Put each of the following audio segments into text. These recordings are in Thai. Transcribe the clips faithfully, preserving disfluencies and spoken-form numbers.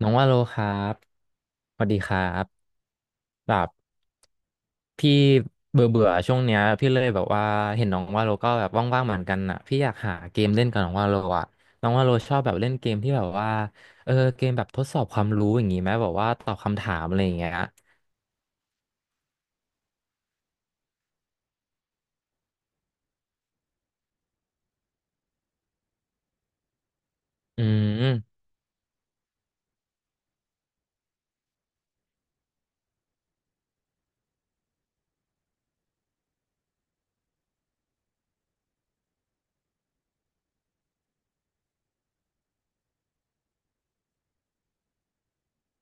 น้องว่าโลครับสวัสดีครับแบบพี่เบื่อเบื่อช่วงเนี้ยพี่เลยแบบว่าเห็นน้องว่าโลก็แบบว่างๆเหมือนกันอ่ะพี่อยากหาเกมเล่นกับน้องว่าโลอ่ะน้องว่าโลชอบแบบเล่นเกมที่แบบว่าเออเกมแบบทดสอบความรู้อย่างงี้ไหมแบบว่าตอบคำถามอะไรอย่างเงี้ยอืม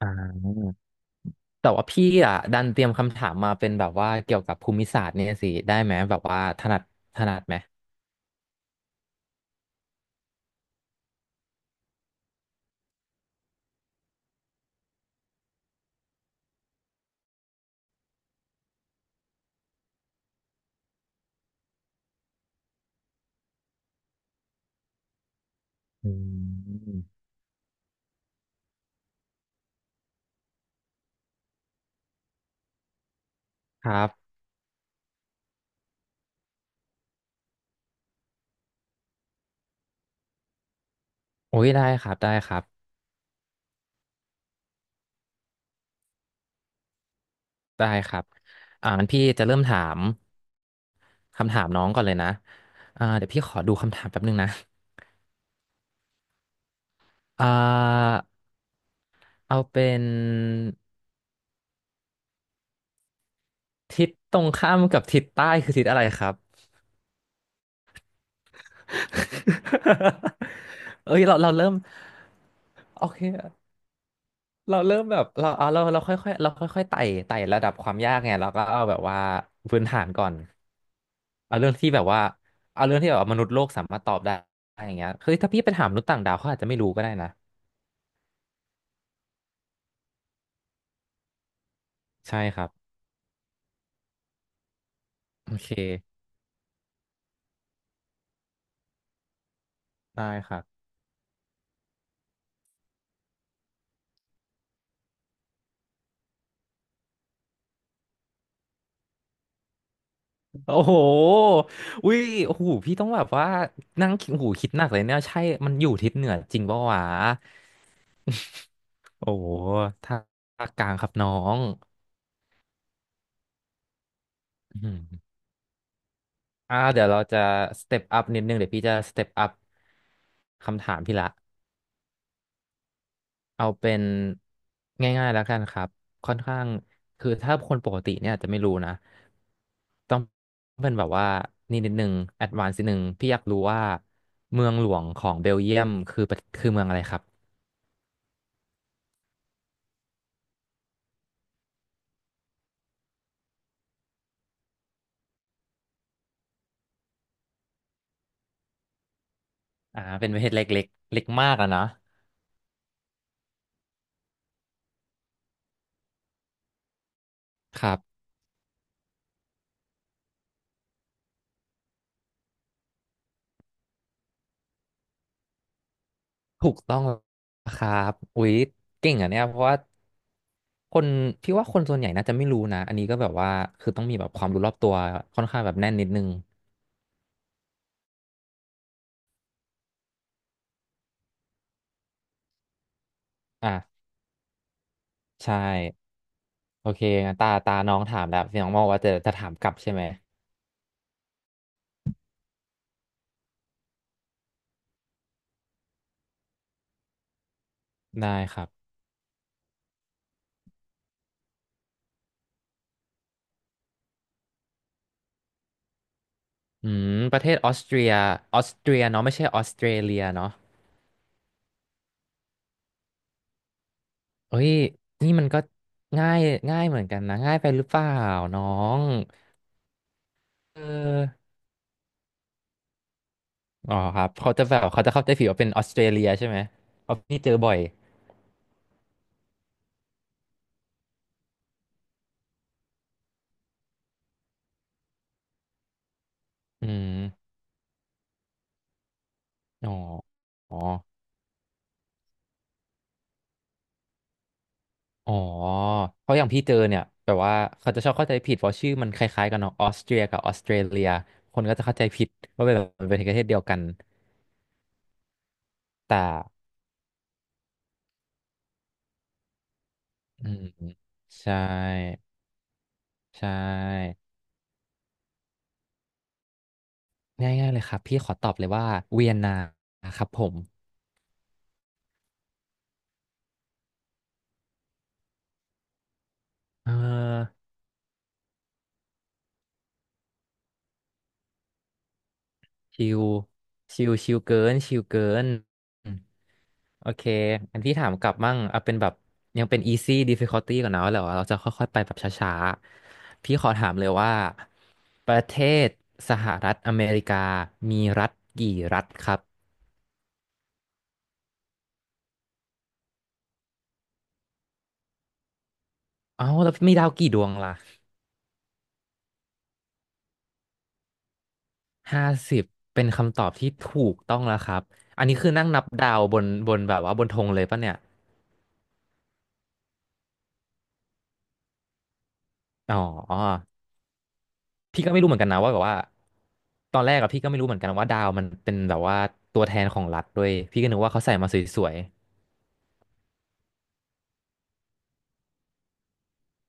อ่าแต่ว่าพี่อ่ะดันเตรียมคำถามมาเป็นแบบว่าเกี่ยวกับภูมิศาสตร์เนี่ยสิได้ไหมแบบว่าถนัดถนัดไหมอืมครับโอ้ยได้ครับได้ครับ ได้ครับอ่างั้นพี่จะเริ่มถามคำถามน้องก่อนเลยนะอ่าเดี๋ยวพี่ขอดูคำถามแป๊บนึงนะอ่าเอาเป็นทิศตรงข้ามกับทิศใต้คือทิศอะไรครับ เอ้ยเราเราเริ่มโอเคเราเริ่มแบบเราเอาเราเราค่อยๆเราค่อยๆไต่ไต่ระดับความยากไงเราก็เอาแบบว่าพื้นฐานก่อนเอาเรื่องที่แบบว่าเอาเรื่องที่แบบว่ามนุษย์โลกสามารถตอบได้อย่างเงี้ยคือถ้าพี่ไปถามมนุษย์ต่างดาวเขาอาจจะไม่รู้ก็ได้นะ ใช่ครับโอเคได้ครับโอ้โหอุ้ยโอ้โหพี่ต้องแบบว่านั่งคิดโอ้โหคิดหนักเลยเนี่ยใช่มันอยู่ทิศเหนือจริงปะวะโอ้โหถ้ากลางครับน้องอืมอ่าเดี๋ยวเราจะสเต็ปอัพนิดนึงเดี๋ยวพี่จะสเต็ปอัพคำถามพี่ละ เอาเป็นง่ายๆแล้วกันครับค่อนข้างคือถ้าคนปกติเนี่ยอาจจะไม่รู้นะต้องเป็นแบบว่านี่นิดนึงแอดวานซ์นิดนึงพี่อยากรู้ว่าเมืองหลวงของเบลเยียมคือประคือเมืองอะไรครับอ่าเป็นประเทศเล็กๆเล็กมากอะนะครับถูกต้องครับอุ๊ยเก่งอ่ะเนี่ยเพราะว่าคนพี่ว่าคนส่วนใหญ่น่าจะไม่รู้นะอันนี้ก็แบบว่าคือต้องมีแบบความรู้รอบตัวค่อนข้างแบบแน่นนิดนึงอ่ะใช่ โอเคงั้นตาตาน้องถามแล้วน้องบอกว่าจะจะถามกลับใช่ไหมได้ครับอืมประเทศออสเตรียออสเตรียเนาะไม่ใช่ออสเตรเลียเนาะเฮ้ยนี่มันก็ง่ายง่ายเหมือนกันนะง่ายไปหรือเปล่าน้องเอออ๋อครับเขาจะแบบเขาจะเข้าใจผิดว่าเป็นออสเตรเลียใช่ไหมเพราะพี่เจอบ่อยอืมอ๋ออ๋ออ๋อเพราะอย่างพี่เจอเนี่ยแบบว่าเขาจะชอบเข้าใจผิดเพราะชื่อมันคล้ายๆกันเนาะออสเตรียกับออสเตรเลียคนก็จะเข้าใจผิดว่าเป็นแบบเป็นประเทศเดียวกัน แต่อืมใช่ใช่ง่ายๆเลยครับพี่ขอตอบเลยว่าเวียนนาครับผมเออชิวชิวชิวเกินชิวเกินอืมโอเคอันพี่ถามกลับมั่งเอาเป็นแบบยังเป็น easy difficulty ก่อนนะแล้วเราจะค่อยๆไปแบบช้าๆพี่ขอถามเลยว่าประเทศสหรัฐอเมริกามีรัฐกี่รัฐครับเอ้าแล้วมีดาวกี่ดวงล่ะ ห้าสิบเป็นคำตอบที่ถูกต้องแล้วครับอันนี้คือนั่งนับดาวบนบนแบบว่าบนธงเลยปะเนี่ยอ๋อพี่ก็ไม่รู้เหมือนกันนะว่าแบบว่าตอนแรกอะพี่ก็ไม่รู้เหมือนกันว่าดาวมันเป็นแบบว่าตัวแทนของรัฐด้วยพี่ก็นึกว่าเขาใส่มาสวย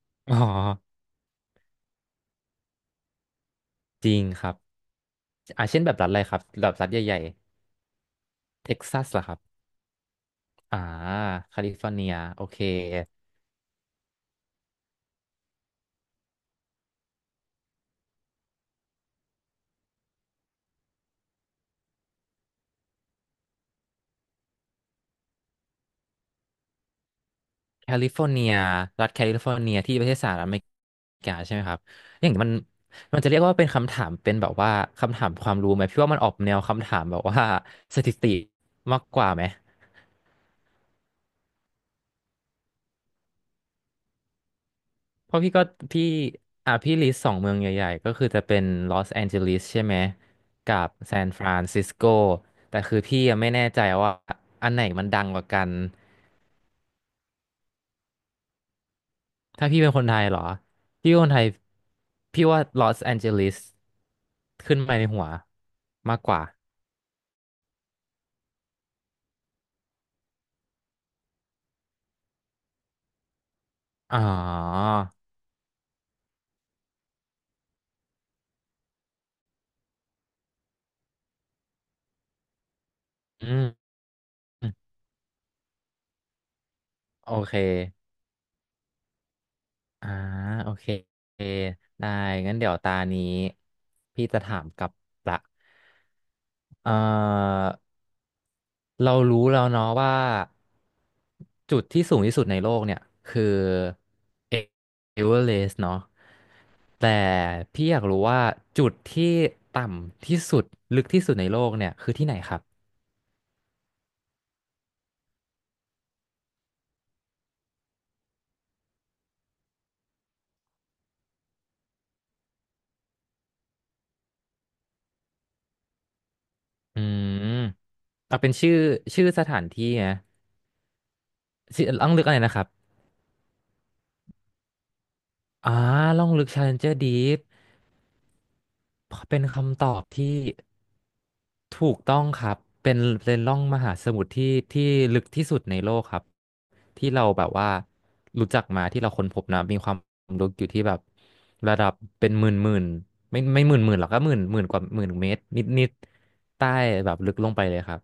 ๆอ๋อจริงครับอ่าเช่นแบบรัฐอะไรครับแบบรัฐใหญ่ๆเท็กซัสเหรอครับอ่าแคลิฟอร์เนียโอเค แคลิฟอร์เนีย รัฐแคลิฟอร์เนียที่ประเทศสหรัฐอเมริกาใช่ไหมครับ อย่างมันมันจะเรียกว่าเป็นคำถาม เป็นแบบว่าคำถามความรู้ไหม พี่ว่ามันออกแนวคำถามแบบว่าสถิติมากกว่าไหม เพราะพี่ก็พี่อ่ะพี่ลิสต์สองเมืองใหญ่ๆ ก็คือจะเป็นลอสแอนเจลิสใช่ไหม กับซานฟรานซิสโกแต่คือพี่ยังไม่แน่ใจว่า อันไหนมันดังกว่ากัน ถ้าพี่เป็นคนไทยเหรอ พี่เป็นคนไทย พี่ว่าลอสแอนเจลิสขึ้นมาในหัวมากกว่า อ๋ออืมโอเคอ่าโอเค ได้ งั้นเดี๋ยวตานี้พี่จะถามกลับละเอ่อ เรารู้แล้วเนาะว่าจุดที่สูงที่สุดในโลกเนี่ยคือเอเวอเรสต์เนาะแต่พี่อยากรู้ว่าจุดที่ต่ำที่สุดลึกที่สุดในโลกเนี่ยคือที่ไหนครับอืมเอาเป็นชื่อชื่อสถานที่นะชื่อล่องลึกอะไรนะครับอ่าล่องลึก Challenger Deep เป็นคำตอบที่ ถูกต้องครับเป็นเป็นร่องมหาสมุทรที่ที่ลึกที่สุดในโลกครับที่เราแบบว่ารู้จักมาที่เราค้นพบนะมีความลึกอยู่ที่แบบระดับเป็นหมื่นหมื่นไม่ไม่หมื่นหมื่นหรอกก็หมื่นหมื่นกว่าหมื่นเมตรนิดนิดใต้แบบลึกลงไปเลยครับ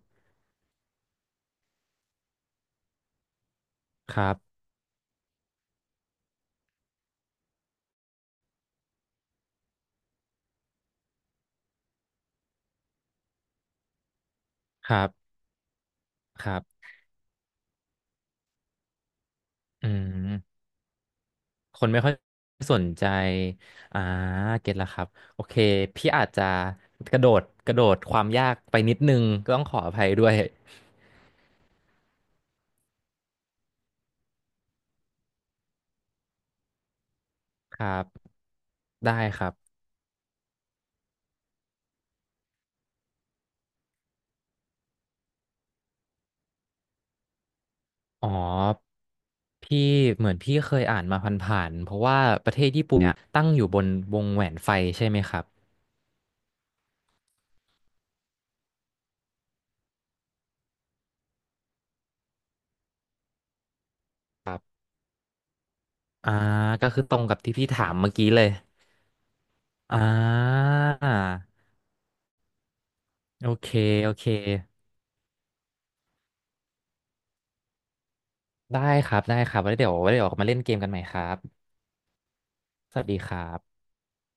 ครับครับครับอืมคนไม่ค่อยสนใจอ่าเก็ตละครับโอเคพี่อาจจะกระโดดกระโดดความยากไปนิดนึงก็ต้องขออภัยด้วยครับได้ครับ อ๋อพี่เหมือนพี่เคยอ่านมาผ่านๆเพราะว่าประเทศญี่ปุ่นเนี่ยตั้งอยู่บนวงแหวนไฟใช่ไหมครับอ่าก็คือตรงกับที่พี่ถามเมื่อกี้เลยอ่าโอเคโอเคได้ครับได้ครับไว้เดี๋ยวไว้เดี๋ยวมาเล่นเกมกันใหม่ครับสวัสดีครับ